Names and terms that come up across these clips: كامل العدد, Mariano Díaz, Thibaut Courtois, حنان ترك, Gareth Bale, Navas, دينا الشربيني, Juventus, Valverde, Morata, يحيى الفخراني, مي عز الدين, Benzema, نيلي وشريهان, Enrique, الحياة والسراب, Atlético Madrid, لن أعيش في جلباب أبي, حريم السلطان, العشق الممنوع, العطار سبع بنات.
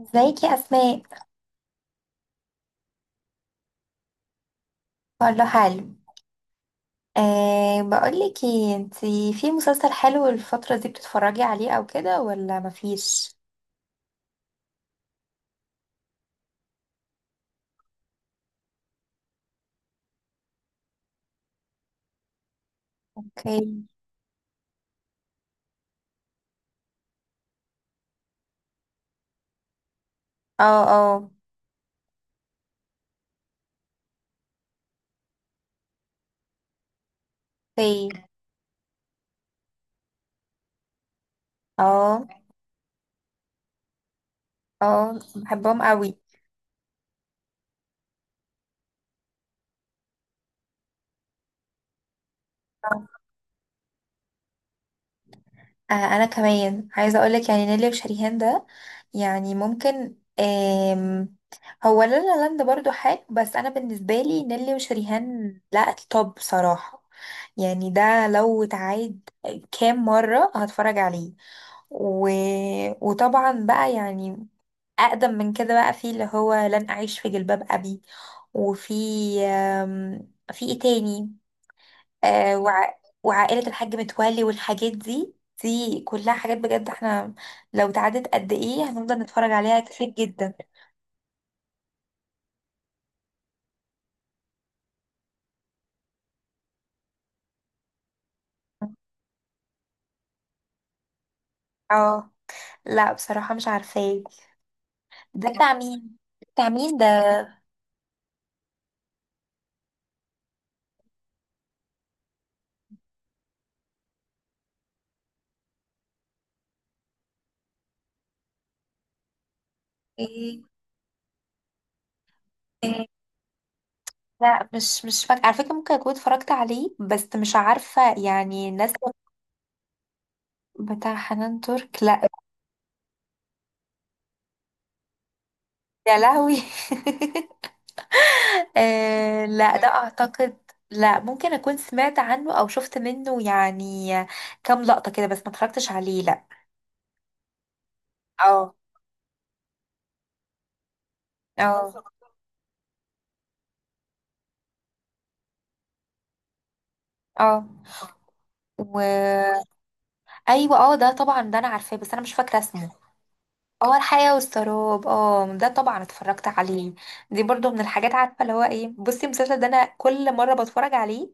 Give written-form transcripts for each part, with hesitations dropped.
ازيك يا اسماء؟ كله حلو. بقولك ايه، انتي في مسلسل حلو الفترة دي بتتفرجي عليه او كده ولا مفيش؟ اوكي. اه. اه. اوكي. اه. اه، بحبهم قوي. آه، انا كمان عايزه اقولك يعني نيلي وشريهان ده. يعني ممكن هو لا لا لاند برضو حلو، بس انا بالنسبه لي نيلي وشريهان لا التوب بصراحه. يعني ده لو اتعاد كام مره هتفرج عليه و... وطبعا بقى يعني أقدم من كده، بقى في اللي هو لن أعيش في جلباب أبي. وفي في إيه تاني؟ وعائلة الحاج متولي والحاجات دي. دي كلها حاجات بجد احنا لو تعدت قد ايه هنفضل نتفرج عليها كتير جدا. اه. لا بصراحة مش عارفاه. ده بتاع مين؟ بتاع مين ده؟ إيه؟ لا، مش فاكرة على فكرة. ممكن أكون اتفرجت عليه بس مش عارفة يعني الناس. بتاع حنان ترك؟ لا. يا لهوي! آه، لا ده اعتقد. لا، ممكن اكون سمعت عنه او شفت منه يعني كام لقطة كده، بس ما اتفرجتش عليه. لا. اه. اه. اه. و ايوه، اه ده طبعا، ده انا عارفاه بس انا مش فاكرة اسمه. اه، الحياة والسراب! اه ده طبعا اتفرجت عليه. دي برضو من الحاجات، عارفة اللي هو ايه؟ بصي المسلسل ده انا كل مرة بتفرج عليه.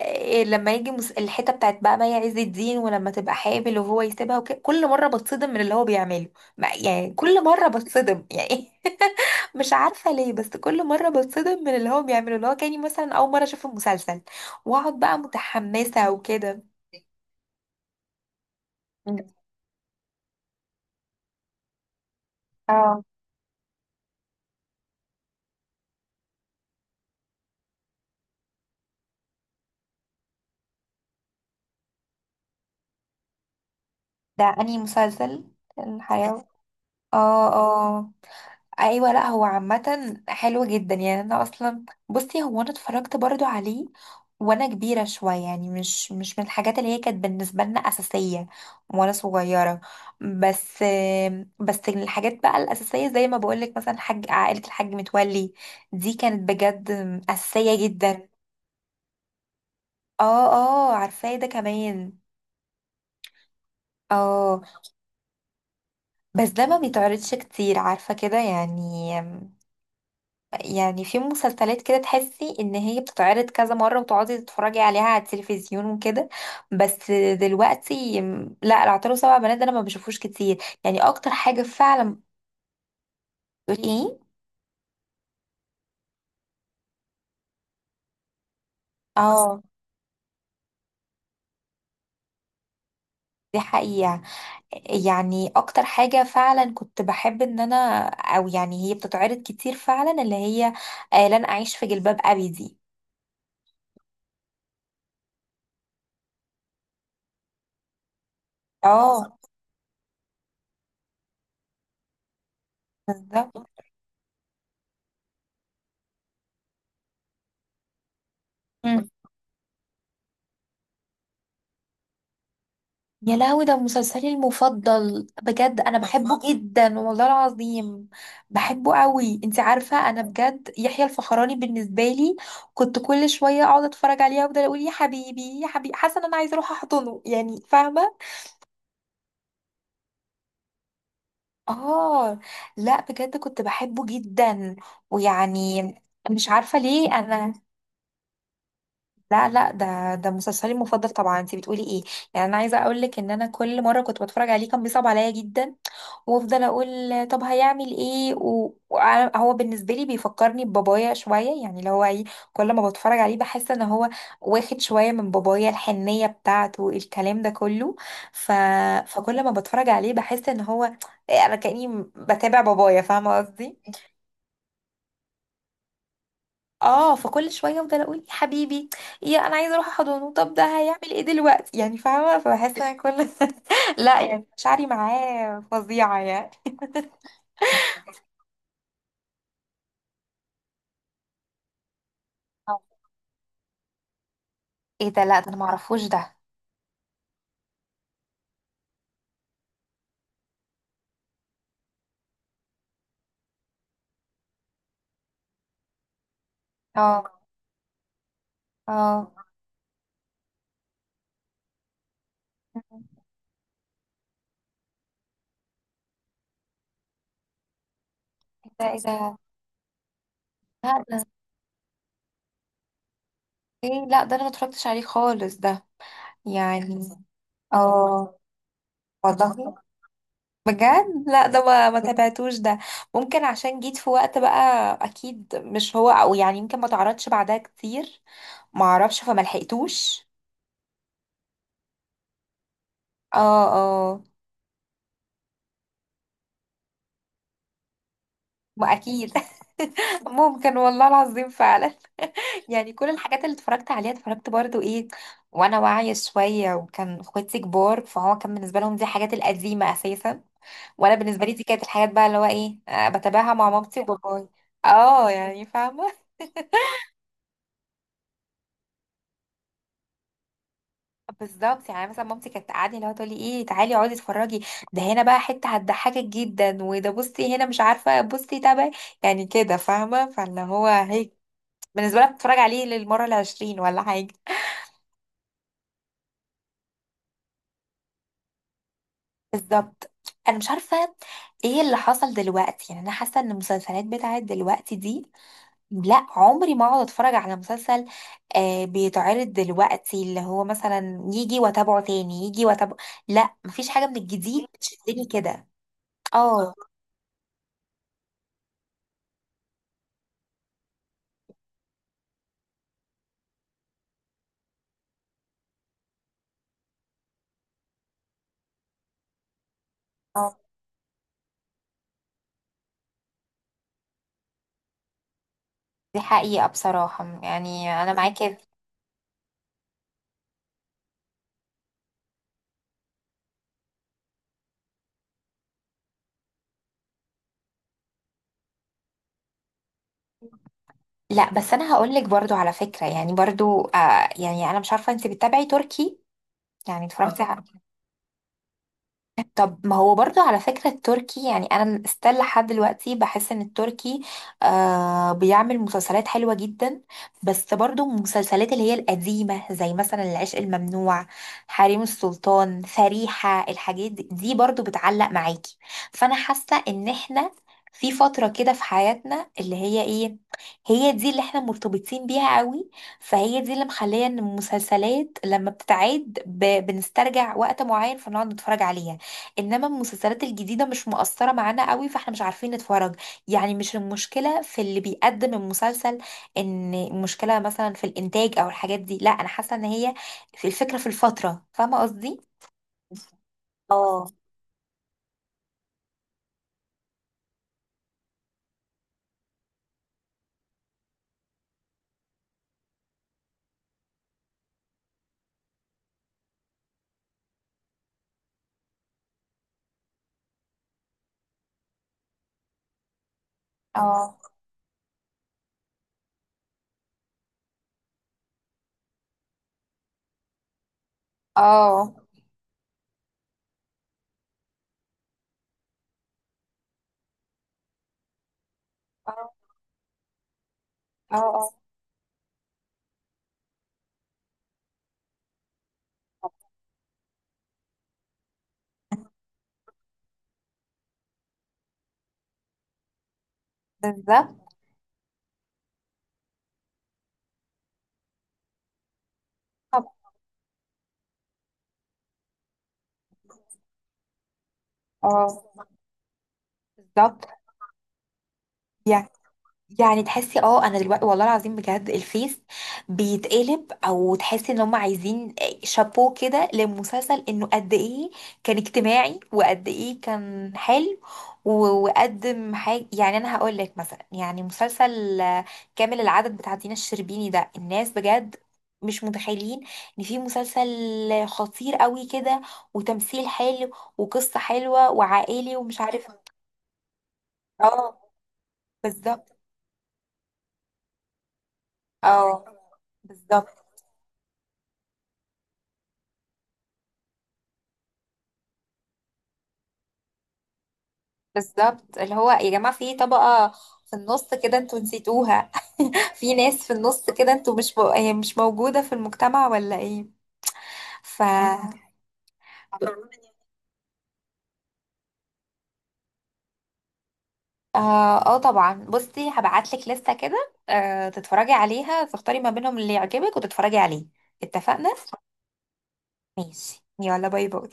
إيه لما يجي الحتة بتاعت بقى مي عز الدين، ولما تبقى حامل وهو يسيبها وكده، كل مرة بتصدم من اللي هو بيعمله. يعني كل مرة بتصدم يعني. مش عارفة ليه، بس كل مرة بتصدم من اللي هو بيعمله، اللي هو كاني مثلا أول مرة أشوف المسلسل وأقعد بقى متحمسة وكده. مم. اه. ده أنهي مسلسل؟ الحياة؟ اه. اه. ايوه، لا هو عامه حلو جدا يعني. انا اصلا بصي، هو انا اتفرجت برضو عليه وانا كبيره شويه، يعني مش من الحاجات اللي هي كانت بالنسبه لنا اساسيه وانا صغيره، بس. بس الحاجات بقى الاساسيه زي ما بقولك، مثلا حاج عائله الحاج متولي، دي كانت بجد اساسيه جدا. اه. اه، عارفاه ده كمان. اه. بس ده ما بيتعرضش كتير، عارفه كده يعني؟ يعني في مسلسلات كده تحسي ان هي بتتعرض كذا مرة وتقعدي تتفرجي عليها على التلفزيون وكده. بس دلوقتي لا، العطار سبع بنات ده انا ما بشوفوش كتير، يعني اكتر حاجة فعلا. ايه؟ اه، دي حقيقة، يعني اكتر حاجة فعلا كنت بحب ان انا، او يعني هي بتتعرض كتير فعلا، اللي هي لن اعيش في جلباب ابي دي. اه. بالظبط. يا لهوي! ده مسلسلي المفضل بجد، انا بحبه جدا والله العظيم. بحبه قوي. انت عارفه انا بجد يحيى الفخراني بالنسبه لي، كنت كل شويه اقعد اتفرج عليه وافضل اقول يا حبيبي يا حبيبي، حاسه ان انا عايزه اروح احضنه يعني، فاهمه؟ اه. لا بجد كنت بحبه جدا. ويعني، مش عارفه ليه انا. لا لا، ده مسلسلي المفضل طبعا. انت بتقولي ايه؟ يعني انا عايزه اقول لك ان انا كل مره كنت بتفرج عليه كان بيصعب عليا جدا، وافضل اقول، طب هيعمل ايه هو بالنسبه لي بيفكرني ببابايا شويه، يعني اللي هو ايه. كل ما بتفرج عليه بحس ان هو واخد شويه من بابايا، الحنيه بتاعته الكلام ده كله. ف... فكل ما بتفرج عليه بحس ان هو انا كاني بتابع بابايا، فاهمه قصدي؟ اه، فكل شويه افضل اقول يا حبيبي، يا انا عايزه اروح احضنه، طب ده هيعمل ايه دلوقتي يعني، فاهمه؟ فبحس ان كل. لا يعني، مشاعري معاه فظيعه يعني. آه. ايه ده؟ لا ده انا معرفوش ده. اه. اه، ده ايه ده؟ لا ده ايه؟ لا ده انا ما اتفرجتش عليه خالص ده، يعني. اه، والله بجد لا، ده ما تابعتوش ده. ممكن عشان جيت في وقت بقى، اكيد مش هو، او يعني يمكن ما تعرضش بعدها كتير، ما اعرفش فما لحقتوش. اه. اه ما اكيد. ممكن، والله العظيم فعلا. يعني كل الحاجات اللي اتفرجت عليها اتفرجت برضو ايه وانا واعية شوية، وكان اخواتي كبار فهو كان بالنسبة لهم دي الحاجات القديمة اساسا، وانا بالنسبة لي دي كانت الحاجات بقى اللي هو ايه، بتابعها مع مامتي وباباي. اه، يعني فاهمة. بالظبط، يعني مثلا مامتي كانت تقعدني، اللي هو تقولي، ايه تعالي اقعدي اتفرجي، ده هنا بقى حتة هتضحكك جدا، وده بصي هنا مش عارفة، بصي تابعي، يعني كده فاهمة؟ فاللي هو هيك. بالنسبة لها بتتفرج عليه للمرة العشرين ولا حاجة. بالظبط. انا مش عارفه ايه اللي حصل دلوقتي، يعني انا حاسه ان المسلسلات بتاعت دلوقتي دي، لا عمري ما اقعد اتفرج على مسلسل بيتعرض دلوقتي، اللي هو مثلا يجي واتابعه، تاني يجي واتابعه، لا مفيش حاجه من الجديد تشدني كده. اه. اه دي حقيقه بصراحه، يعني انا معاكي. لا، بس انا هقول لك برضو على فكره، يعني برضو يعني، انا مش عارفه، انت بتتابعي تركي يعني، اتفرجتي؟ طب ما هو برضو على فكرة، التركي يعني أنا استل لحد دلوقتي بحس إن التركي بيعمل مسلسلات حلوة جدا. بس برضو المسلسلات اللي هي القديمة زي مثلا العشق الممنوع، حريم السلطان، فريحة، الحاجات دي، دي برضو بتعلق معاكي. فأنا حاسة إن إحنا في فترة كده في حياتنا اللي هي إيه، هي دي اللي إحنا مرتبطين بيها قوي، فهي دي اللي مخلية إن المسلسلات لما بتتعاد بنسترجع وقت معين، فنقعد نتفرج عليها. انما المسلسلات الجديده مش مؤثره معانا قوي، فاحنا مش عارفين نتفرج. يعني مش المشكله في اللي بيقدم المسلسل، ان المشكله مثلا في الانتاج او الحاجات دي، لا انا حاسه ان هي في الفكره في الفتره، فاهمه قصدي؟ اه. اه. اه. اه. اه، بالظبط. اه بالظبط. يعني تحسي اه انا دلوقتي والله العظيم بجد الفيس بيتقلب، او تحسي ان هم عايزين شابوه كده للمسلسل انه قد ايه كان اجتماعي وقد ايه كان حلو و- وقدم حاجه، يعني انا هقول لك مثلا يعني مسلسل كامل العدد بتاع دينا الشربيني ده، الناس بجد مش متخيلين ان في مسلسل خطير قوي كده، وتمثيل حلو، وقصه حلوه وعائلي، ومش عارفه. اه بالظبط. اه بالظبط. بالظبط. اللي هو يا جماعة في طبقة في النص كده انتوا نسيتوها. في ناس في النص كده انتوا مش مو... هي مش موجودة في المجتمع ولا ايه؟ ف اه. اه، آه طبعا، بصي هبعتلك لستة كده، آه، تتفرجي عليها، تختاري ما بينهم اللي يعجبك وتتفرجي عليه، اتفقنا؟ ماشي، يلا باي باي.